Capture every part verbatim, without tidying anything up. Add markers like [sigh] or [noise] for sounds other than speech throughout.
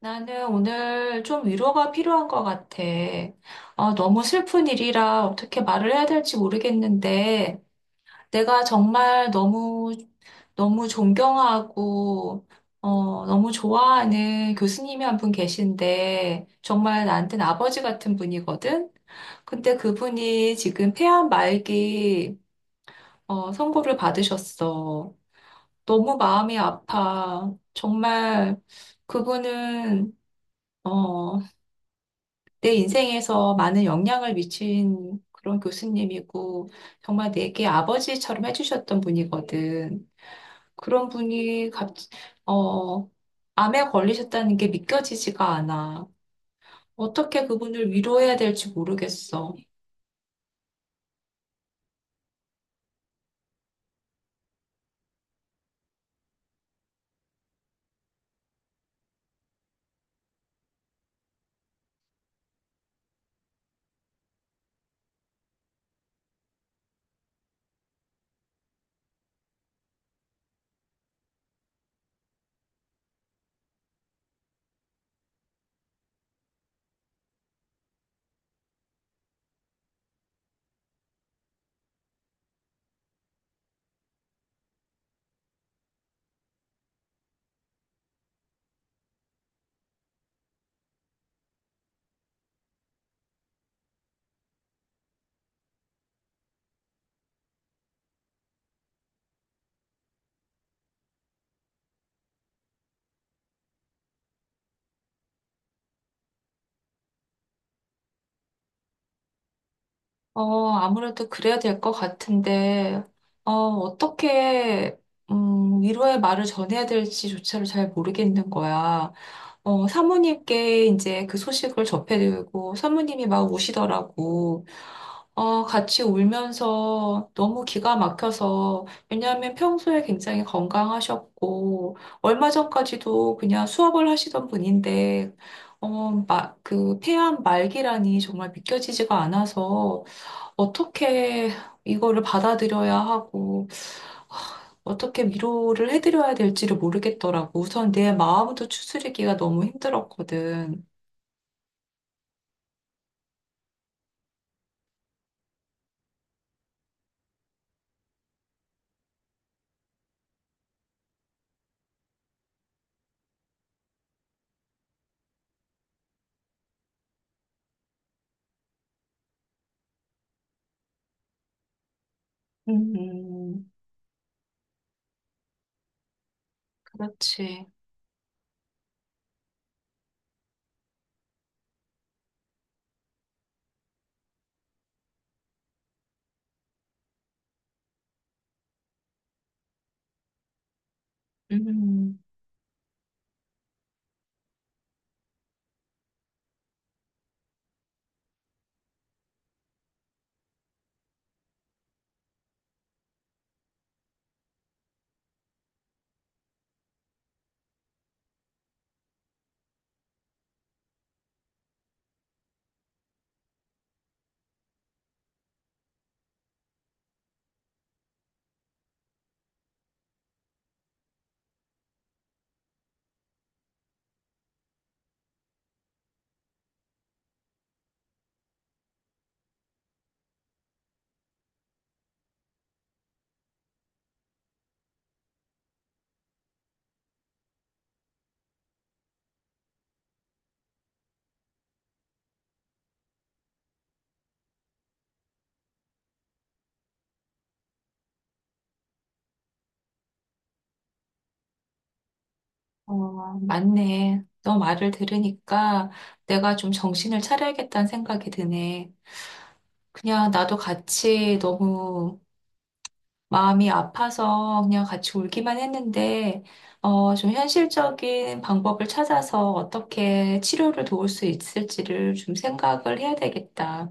나는 오늘 좀 위로가 필요한 것 같아. 어, 너무 슬픈 일이라 어떻게 말을 해야 될지 모르겠는데, 내가 정말 너무, 너무 존경하고, 어, 너무 좋아하는 교수님이 한 분 계신데, 정말 나한테는 아버지 같은 분이거든? 근데 그분이 지금 폐암 말기, 어, 선고를 받으셨어. 너무 마음이 아파. 정말 그분은 어, 내 인생에서 많은 영향을 미친 그런 교수님이고, 정말 내게 아버지처럼 해주셨던 분이거든. 그런 분이 갑, 어, 암에 걸리셨다는 게 믿겨지지가 않아. 어떻게 그분을 위로해야 될지 모르겠어. 어, 아무래도 그래야 될 것 같은데, 어, 어떻게, 음, 위로의 말을 전해야 될지조차를 잘 모르겠는 거야. 어, 사모님께 이제 그 소식을 접해드리고, 사모님이 막 우시더라고. 어, 같이 울면서 너무 기가 막혀서, 왜냐하면 평소에 굉장히 건강하셨고, 얼마 전까지도 그냥 수업을 하시던 분인데, 어, 마, 그, 폐암 말기라니 정말 믿겨지지가 않아서, 어떻게 이거를 받아들여야 하고, 어떻게 위로를 해드려야 될지를 모르겠더라고. 우선 내 마음도 추스르기가 너무 힘들었거든. 음, 그렇지. 음, 어, 맞네. 너 말을 들으니까 내가 좀 정신을 차려야겠다는 생각이 드네. 그냥 나도 같이 너무 마음이 아파서 그냥 같이 울기만 했는데, 어, 좀 현실적인 방법을 찾아서 어떻게 치료를 도울 수 있을지를 좀 생각을 해야 되겠다.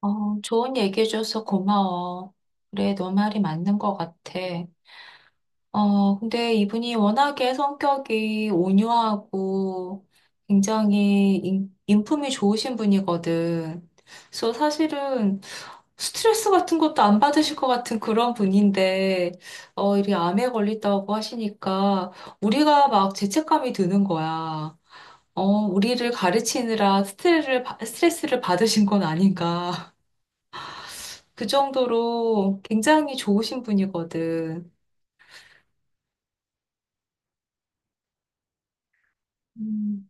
어, 좋은 얘기해줘서 고마워. 그래, 너 말이 맞는 것 같아. 어, 근데 이분이 워낙에 성격이 온유하고 굉장히 인, 인품이 좋으신 분이거든. 그래서 사실은 스트레스 같은 것도 안 받으실 것 같은 그런 분인데, 어, 이리 암에 걸린다고 하시니까 우리가 막 죄책감이 드는 거야. 어, 우리를 가르치느라 스트레스를, 받- 스트레스를 받으신 건 아닌가. [laughs] 그 정도로 굉장히 좋으신 분이거든. 음,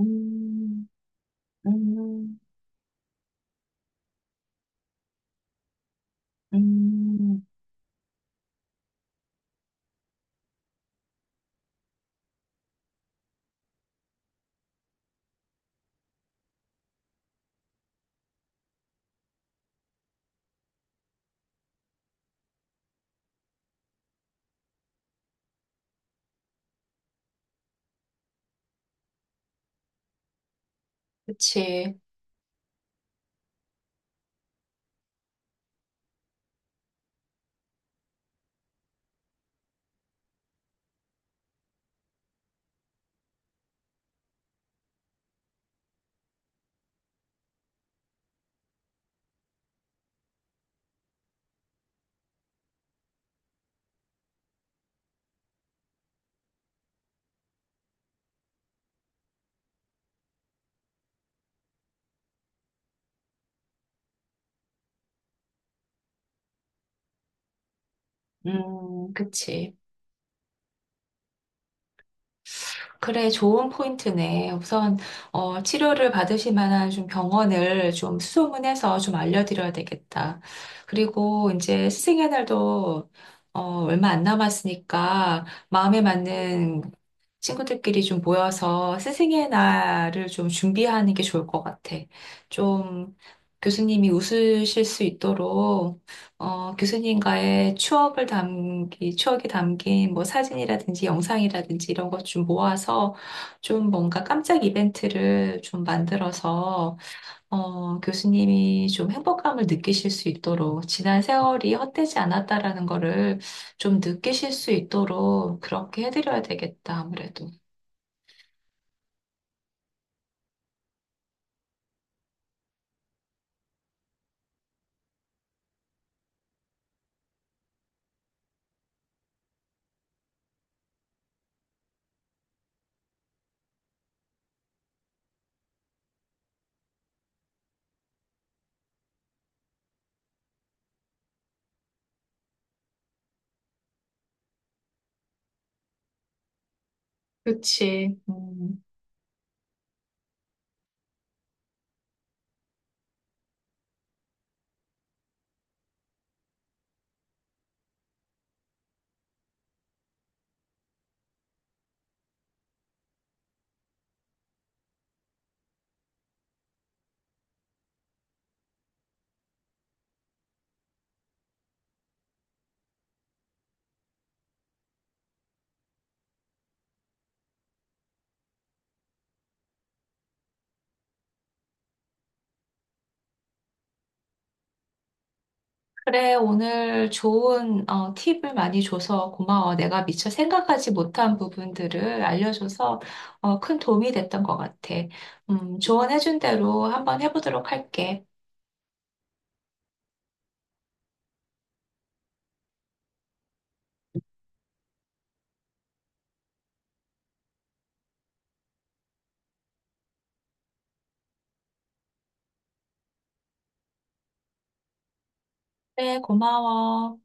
음. 음, 음, 그치. 음, 그치. 그래, 좋은 포인트네. 우선, 어, 치료를 받으실 만한 좀 병원을 좀 수소문해서 좀 알려드려야 되겠다. 그리고 이제 스승의 날도, 어, 얼마 안 남았으니까 마음에 맞는 친구들끼리 좀 모여서 스승의 날을 좀 준비하는 게 좋을 것 같아. 좀 교수님이 웃으실 수 있도록 어, 교수님과의 추억을 담기, 추억이 담긴 뭐 사진이라든지 영상이라든지 이런 것 좀 모아서 좀 뭔가 깜짝 이벤트를 좀 만들어서 어, 교수님이 좀 행복감을 느끼실 수 있도록 지난 세월이 헛되지 않았다라는 거를 좀 느끼실 수 있도록 그렇게 해드려야 되겠다, 아무래도. 그치. 음. 그래, 오늘 좋은 어, 팁을 많이 줘서 고마워. 내가 미처 생각하지 못한 부분들을 알려줘서 어, 큰 도움이 됐던 것 같아. 음, 조언해준 대로 한번 해보도록 할게. 그래, 고마워.